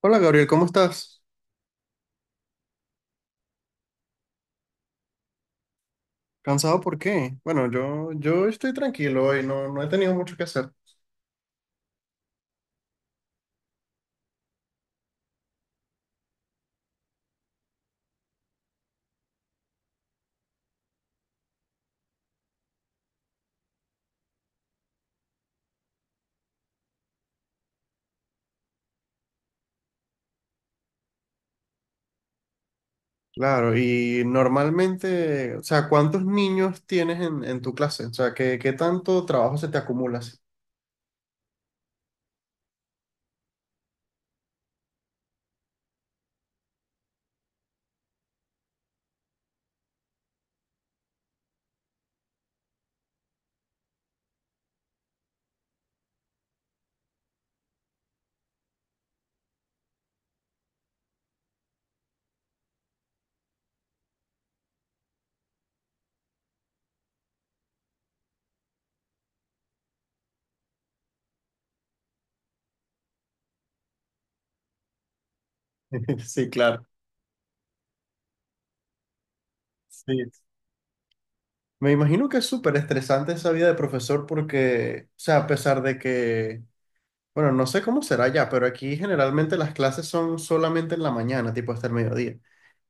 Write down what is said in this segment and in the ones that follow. Hola Gabriel, ¿cómo estás? ¿Cansado por qué? Bueno, yo estoy tranquilo hoy, no, no he tenido mucho que hacer. Claro, y normalmente, o sea, ¿cuántos niños tienes en tu clase? O sea, ¿qué tanto trabajo se te acumula? ¿Así? Sí, claro. Sí. Me imagino que es súper estresante esa vida de profesor porque, o sea, a pesar de que, bueno, no sé cómo será ya, pero aquí generalmente las clases son solamente en la mañana, tipo hasta el mediodía.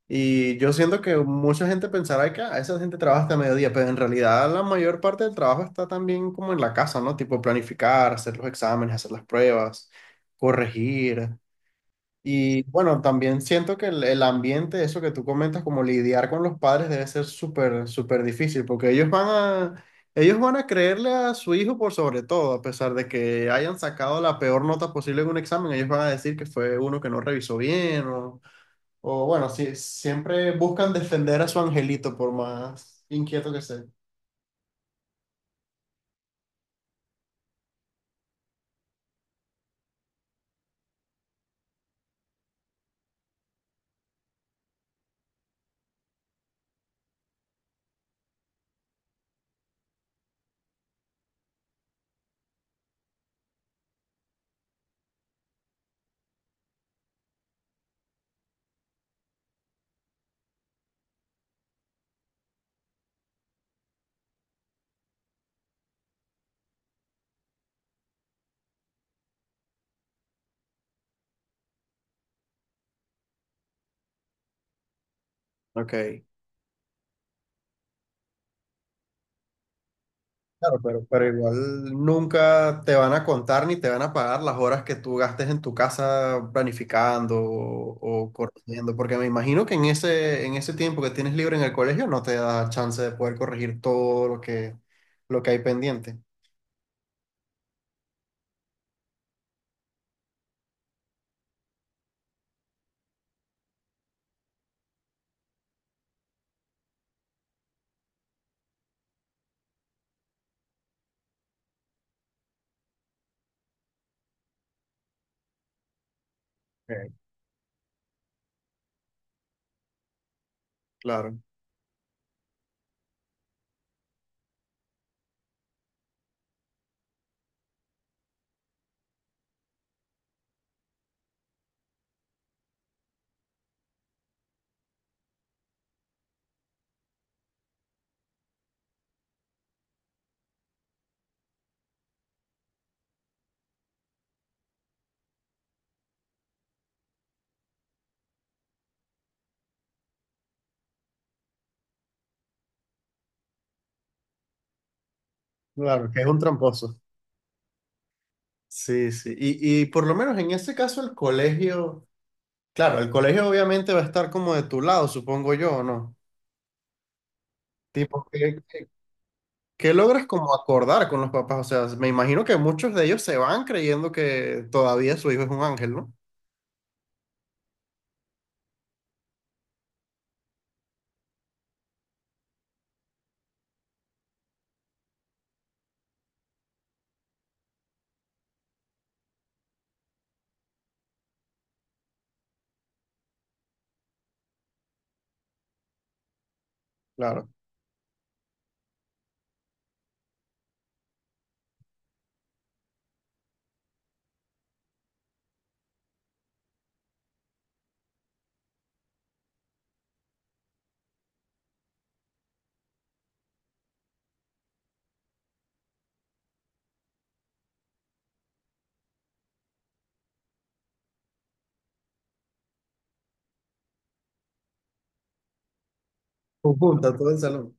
Y yo siento que mucha gente pensará que "Ah, esa gente trabaja hasta mediodía", pero en realidad la mayor parte del trabajo está también como en la casa, ¿no? Tipo planificar, hacer los exámenes, hacer las pruebas, corregir. Y bueno, también siento que el ambiente, eso que tú comentas, como lidiar con los padres debe ser súper, súper difícil, porque a, ellos van a creerle a su hijo por sobre todo, a pesar de que hayan sacado la peor nota posible en un examen, ellos van a decir que fue uno que no revisó bien o bueno, sí, siempre buscan defender a su angelito por más inquieto que sea. Ok. Claro, pero igual nunca te van a contar ni te van a pagar las horas que tú gastes en tu casa planificando o corrigiendo, porque me imagino que en ese tiempo que tienes libre en el colegio no te da chance de poder corregir todo lo lo que hay pendiente. Ok, claro. Claro, que es un tramposo. Sí, sí. Y por lo menos en ese caso el colegio... Claro, el colegio obviamente va a estar como de tu lado, supongo yo, ¿o no? Tipo, qué logras como acordar con los papás? O sea, me imagino que muchos de ellos se van creyendo que todavía su hijo es un ángel, ¿no? Claro. Conjunta todo el salón.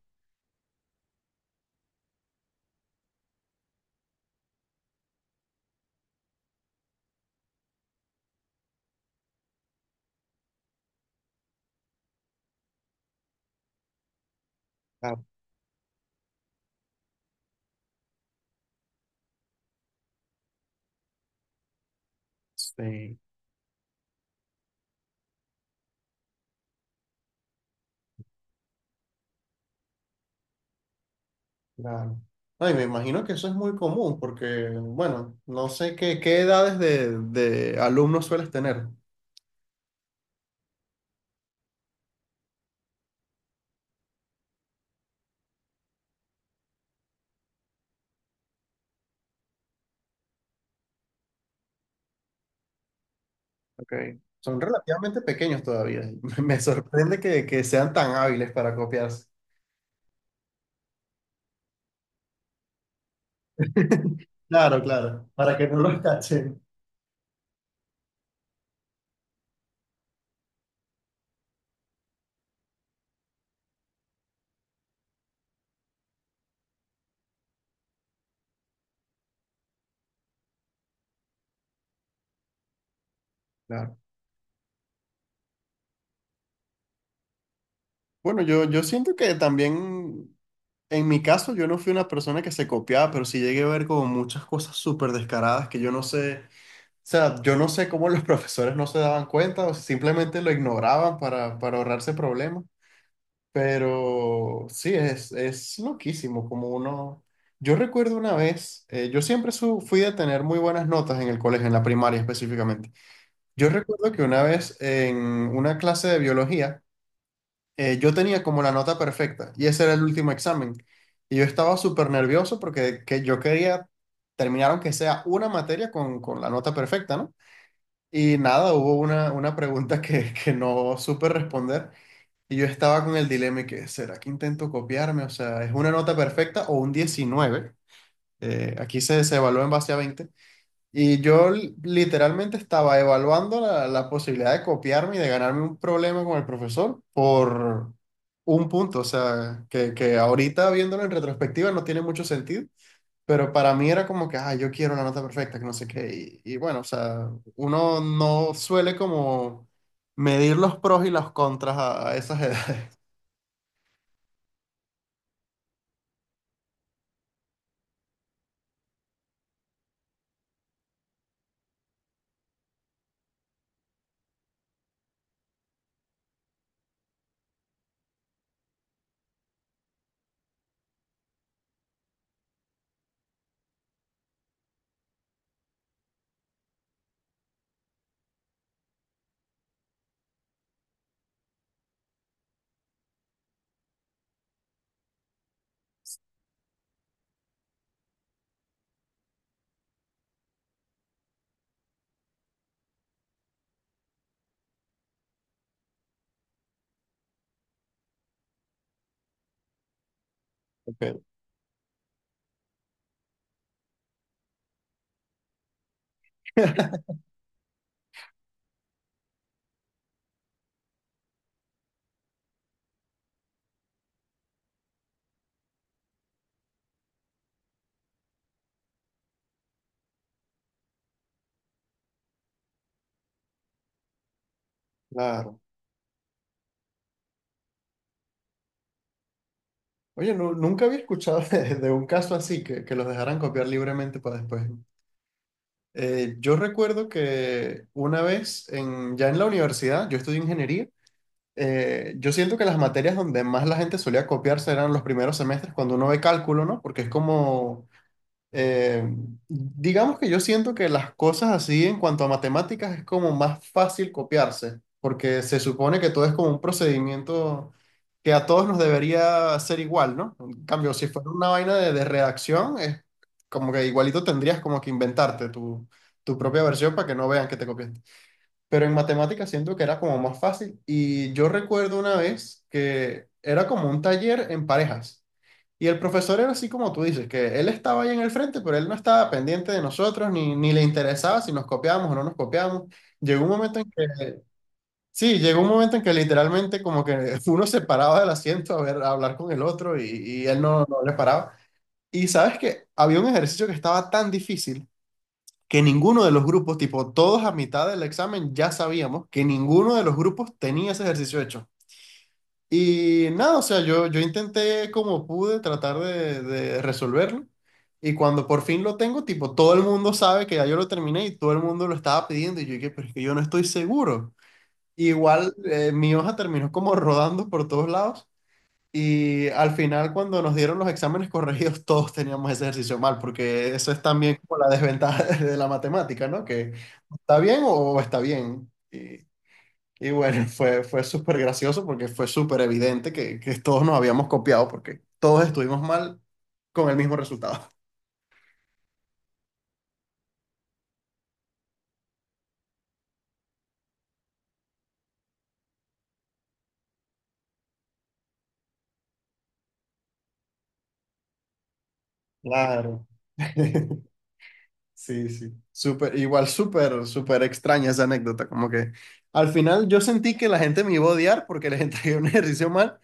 Ah, sí, claro. Ay, me imagino que eso es muy común porque, bueno, no sé qué edades de alumnos sueles tener. Ok. Son relativamente pequeños todavía. Me sorprende que sean tan hábiles para copiarse. Claro, claro, para que no los cachen. Claro. Bueno, yo siento que también, en mi caso, yo no fui una persona que se copiaba, pero sí llegué a ver como muchas cosas súper descaradas que yo no sé, o sea, yo no sé cómo los profesores no se daban cuenta o simplemente lo ignoraban para ahorrarse problemas, pero sí, es loquísimo como uno... Yo recuerdo una vez, yo siempre fui de tener muy buenas notas en el colegio, en la primaria específicamente. Yo recuerdo que una vez en una clase de biología, yo tenía como la nota perfecta y ese era el último examen. Y yo estaba súper nervioso porque que yo quería terminar aunque sea una materia con la nota perfecta, ¿no? Y nada, hubo una pregunta que no supe responder y yo estaba con el dilema y que, ¿será que intento copiarme? O sea, ¿es una nota perfecta o un 19? Aquí se evalúa en base a 20. Y yo literalmente estaba evaluando la posibilidad de copiarme y de ganarme un problema con el profesor por un punto, o sea, que ahorita viéndolo en retrospectiva no tiene mucho sentido, pero para mí era como que, ah, yo quiero una nota perfecta, que no sé qué, y bueno, o sea, uno no suele como medir los pros y los contras a esas edades. Ok. Claro. Oye, nunca había escuchado de un caso así, que los dejaran copiar libremente para después. Yo recuerdo que una vez, ya en la universidad, yo estudié ingeniería, yo siento que las materias donde más la gente solía copiarse eran los primeros semestres, cuando uno ve cálculo, ¿no? Porque es como eh, digamos que yo siento que las cosas así en cuanto a matemáticas es como más fácil copiarse, porque se supone que todo es como un procedimiento que a todos nos debería ser igual, ¿no? En cambio, si fuera una vaina de redacción, es como que igualito tendrías como que inventarte tu propia versión para que no vean que te copiaste. Pero en matemáticas siento que era como más fácil y yo recuerdo una vez que era como un taller en parejas. Y el profesor era así como tú dices, que él estaba ahí en el frente, pero él no estaba pendiente de nosotros, ni le interesaba si nos copiábamos o no nos copiábamos. Llegó un momento en que, sí, llegó un momento en que literalmente como que uno se paraba del asiento a ver, a hablar con el otro y él no, no le paraba. Y sabes que había un ejercicio que estaba tan difícil que ninguno de los grupos, tipo todos a mitad del examen ya sabíamos que ninguno de los grupos tenía ese ejercicio hecho. Y nada, o sea, yo intenté como pude tratar de resolverlo. Y cuando por fin lo tengo, tipo, todo el mundo sabe que ya yo lo terminé y todo el mundo lo estaba pidiendo. Y yo dije, pero es que yo no estoy seguro. Igual mi hoja terminó como rodando por todos lados. Y al final, cuando nos dieron los exámenes corregidos, todos teníamos ese ejercicio mal, porque eso es también como la desventaja de la matemática, ¿no? Que está bien o está bien. Y bueno, fue súper gracioso porque fue súper evidente que todos nos habíamos copiado porque todos estuvimos mal con el mismo resultado. Claro. Sí, sí. Súper, igual súper, súper extraña esa anécdota. Como que al final yo sentí que la gente me iba a odiar porque les entregué un ejercicio mal,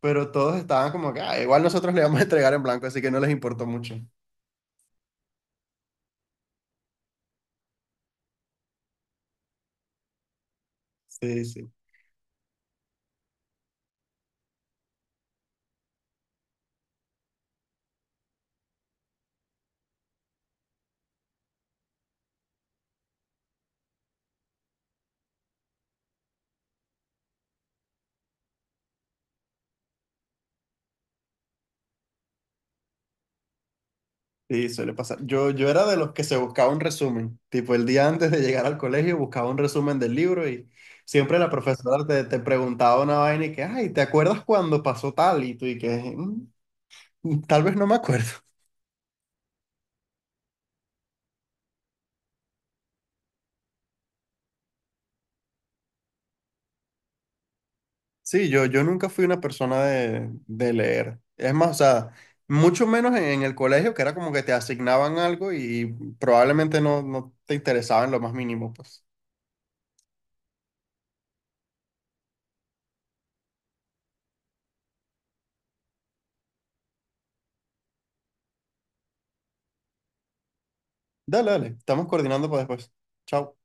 pero todos estaban como que "Ah, igual nosotros le vamos a entregar en blanco", así que no les importó mucho. Sí, sí. Sí, suele pasar. Yo era de los que se buscaba un resumen. Tipo, el día antes de llegar al colegio buscaba un resumen del libro y siempre la profesora te preguntaba una vaina y que, ay, ¿te acuerdas cuando pasó tal? Y tú y que, "Mm, mm, tal vez no me acuerdo". Sí, yo nunca fui una persona de leer. Es más, o sea, mucho menos en el colegio, que era como que te asignaban algo y probablemente no, no te interesaba en lo más mínimo, pues. Dale, dale, estamos coordinando para después. Chao.